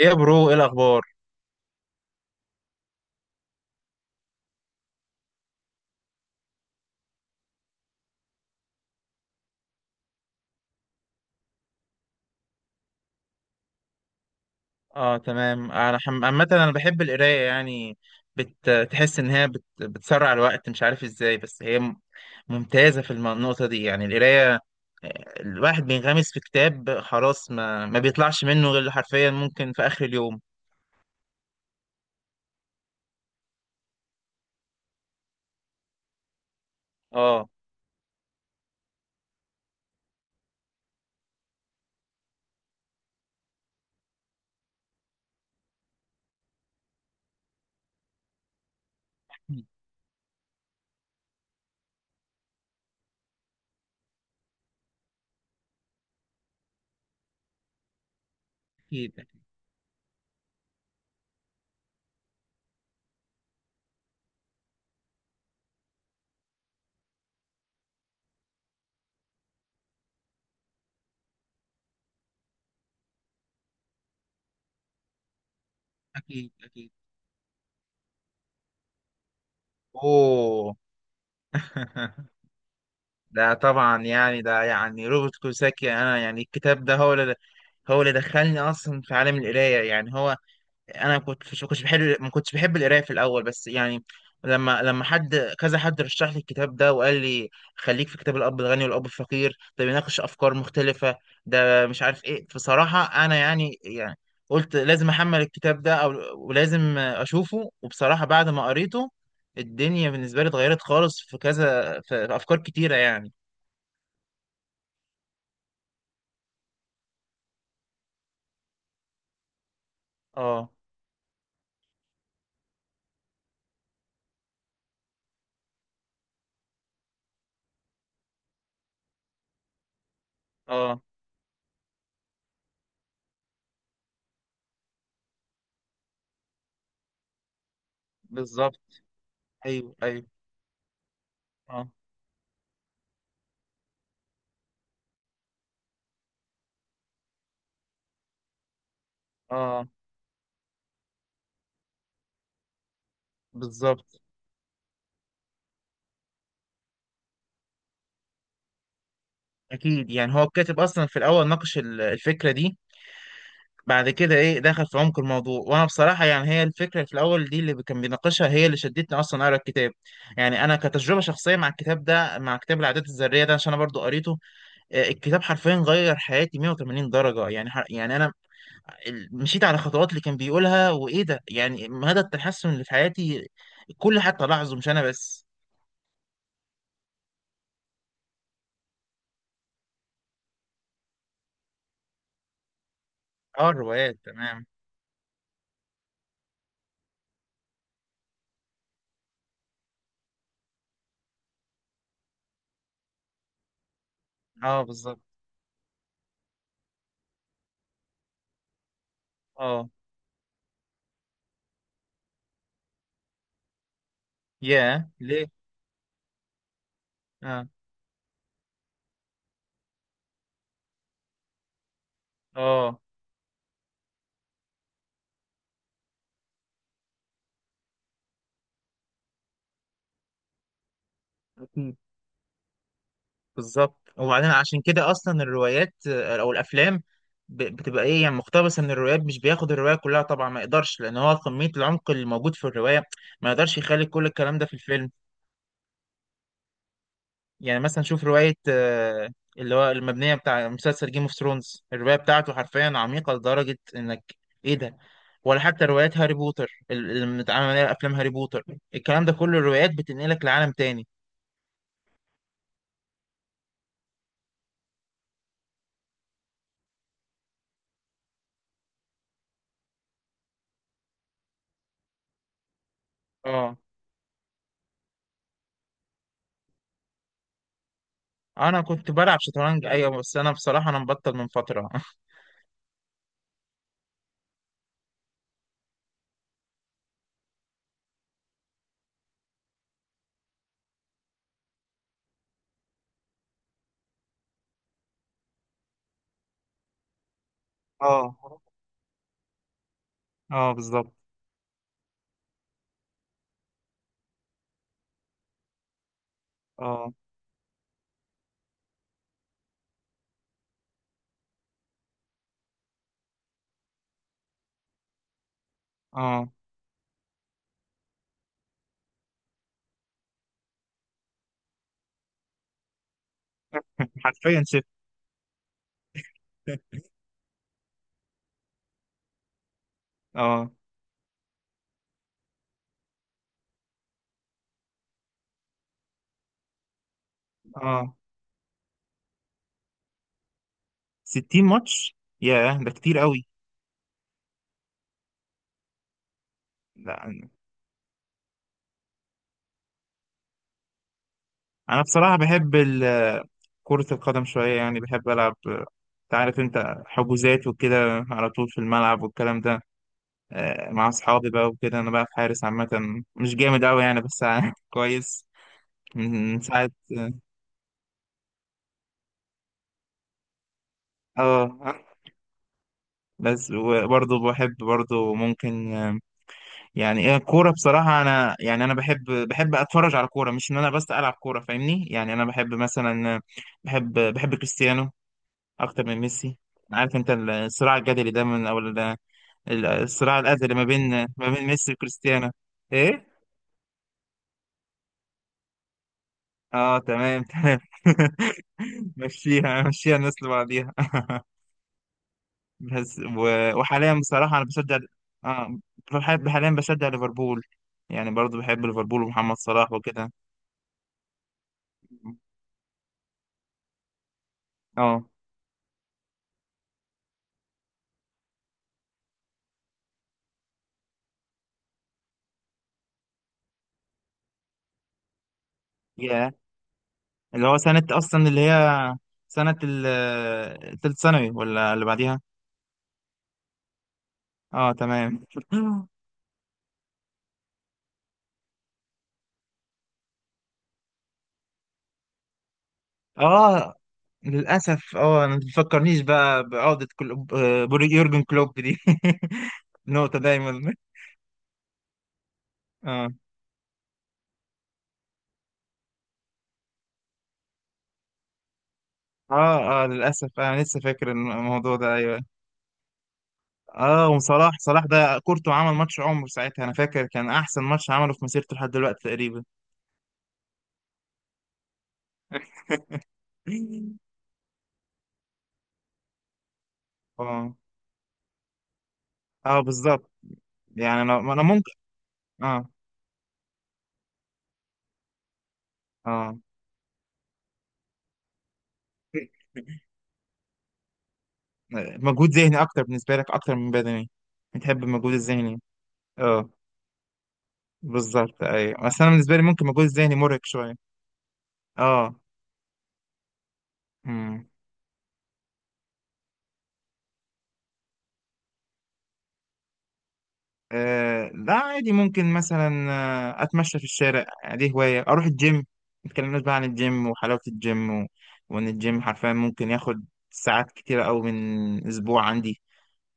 ايه يا برو، ايه الاخبار؟ اه تمام. عامه انا بحب القرايه، يعني بتحس ان هي بتسرع الوقت، مش عارف ازاي. ممتازه في النقطه دي، يعني القرايه. الواحد بينغمس في كتاب خلاص، ما بيطلعش منه غير حرفيا ممكن في اخر اليوم. اه اكيد اكيد. اكيد. اوه. ده طبعا، يعني ده يعني روبرت كوساكي. انا يعني الكتاب ده هو اللي، هو اللي دخلني اصلا في عالم القرايه. يعني هو انا كنت بحب، ما كنتش بحب القرايه في الاول، بس يعني لما حد كذا، حد رشح لي الكتاب ده وقال لي خليك في كتاب الاب الغني والاب الفقير ده، بيناقش افكار مختلفه، ده مش عارف ايه. بصراحه انا يعني قلت لازم احمل الكتاب ده او ولازم اشوفه. وبصراحه بعد ما قريته الدنيا بالنسبه لي اتغيرت خالص، في كذا، في افكار كتيره يعني. اه اه بالظبط. ايوه ايوه. اه اه بالظبط. اكيد يعني هو الكاتب اصلا في الاول ناقش الفكره دي، بعد كده ايه دخل في عمق الموضوع. وانا بصراحه يعني هي الفكره في الاول دي اللي كان بيناقشها هي اللي شدتني اصلا اقرا الكتاب. يعني انا كتجربه شخصيه مع الكتاب ده، مع كتاب العادات الذريه ده، عشان انا برضو قريته. الكتاب حرفيا غير حياتي 180 درجه. يعني يعني انا مشيت على الخطوات اللي كان بيقولها، وايه ده يعني مدى التحسن اللي في حياتي، الكل حتى لاحظه مش انا بس. اه الروايات تمام. اه بالظبط. اه. ياه ليه؟ اه اه بالظبط. وبعدين عشان كده اصلا الروايات او الافلام بتبقى ايه يعني مقتبسه من الروايات، مش بياخد الروايه كلها طبعا، ما يقدرش، لان هو كميه العمق اللي موجود في الروايه ما يقدرش يخلي كل الكلام ده في الفيلم. يعني مثلا شوف روايه اللي هو المبنيه بتاع مسلسل جيم اوف ثرونز، الروايه بتاعته حرفيا عميقه لدرجه انك، ايه ده، ولا حتى روايات هاري بوتر اللي متعامل عليها افلام هاري بوتر. الكلام ده كله، الروايات بتنقلك لعالم تاني. اه انا كنت بلعب شطرنج، ايوه، بس انا بصراحه انا مبطل من فتره. اه اه بالظبط. اه اه حرفيا شفت. اه اه، 60 ماتش؟ ياه، ده كتير قوي. لا انا بصراحة بحب كرة القدم شوية، يعني بحب ألعب، انت عارف، انت حجوزات وكده على طول في الملعب والكلام ده، مع اصحابي بقى وكده. انا بقى حارس عامة، مش جامد قوي يعني بس كويس. من ساعة. اه بس وبرضه بحب ممكن يعني ايه الكوره. بصراحه انا، يعني انا بحب اتفرج على كوره، مش ان انا بس العب كوره فاهمني. يعني انا بحب مثلا، بحب كريستيانو اكتر من ميسي، عارف انت، الصراع الجدلي ده من او الصراع الازلي ما بين ميسي وكريستيانو، ايه. اه تمام تمام. مشيها مشيها، الناس لبعضيها. بس وحاليا بصراحه انا بشجع، اه بحب، حاليا بشجع ليفربول، يعني برضو بحب ليفربول ومحمد صلاح وكده. اه يا، اللي هو سنة أصلا اللي هي سنة التالت ثانوي ولا اللي بعديها. اه تمام. اه للأسف. اه ما تفكرنيش بقى بعودة كل... يورجن كلوب دي. نقطة دايما. اه اه. اه للأسف أنا لسه فاكر الموضوع ده، أيوه. اه وصلاح، صلاح ده كورته عمل ماتش عمره ساعتها، أنا فاكر كان أحسن ماتش عمله في مسيرته لحد دلوقتي تقريبا. اه اه بالظبط. يعني أنا ممكن. اه اه مجهود ذهني اكتر بالنسبه لك، اكتر من بدني؟ بتحب المجهود الذهني؟ اه بالظبط، ايوه. بس انا بالنسبه لي ممكن المجهود الذهني مرهق شويه. اه امم. آه لا عادي، ممكن مثلا اتمشى في الشارع، دي هوايه. اروح الجيم، ما اتكلمناش بقى عن الجيم وحلاوه الجيم و... وان الجيم حرفيا ممكن ياخد ساعات كتيره قوي من اسبوع عندي.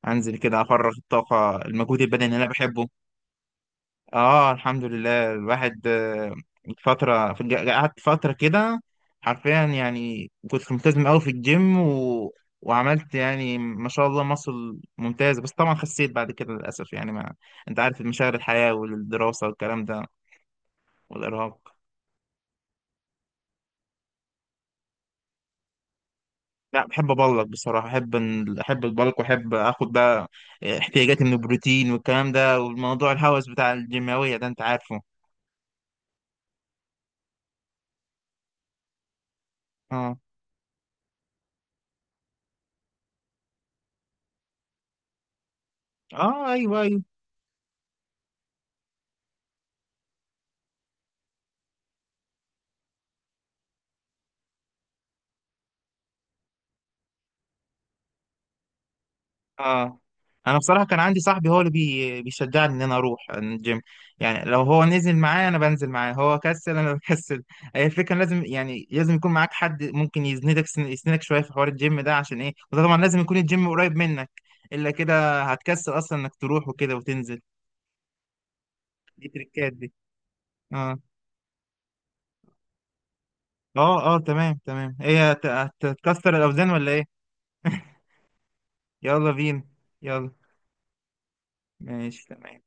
انزل كده افرغ الطاقه، المجهود البدني اللي انا بحبه. اه الحمد لله، الواحد فترة في قعدت فترة كده حرفيا، يعني كنت ملتزم قوي في الجيم و... وعملت يعني ما شاء الله مصل ممتاز، بس طبعا خسيت بعد كده للأسف، يعني ما، انت عارف مشاغل الحياة والدراسة والكلام ده والإرهاق. لا بحب أبلك بصراحة. أحب البلك وأحب آخد بقى احتياجاتي من البروتين والكلام ده، والموضوع الهوس بتاع الجيماوية ده أنت عارفه. اه اه ايوه ايوه. اه انا بصراحه كان عندي صاحبي هو اللي بيشجعني ان انا اروح الجيم. يعني لو هو نزل معايا انا بنزل معاه، هو كسل انا بكسل. هي الفكره لازم، يعني لازم يكون معاك حد ممكن يسندك، يسندك شويه في حوار الجيم ده، عشان ايه؟ وده طبعا لازم يكون الجيم قريب منك، الا كده هتكسل اصلا انك تروح وكده وتنزل. دي تريكات دي. اه اه اه تمام تمام. هتكسر الاوزان ولا ايه؟ يلا بينا. يلا. ماشي تمام.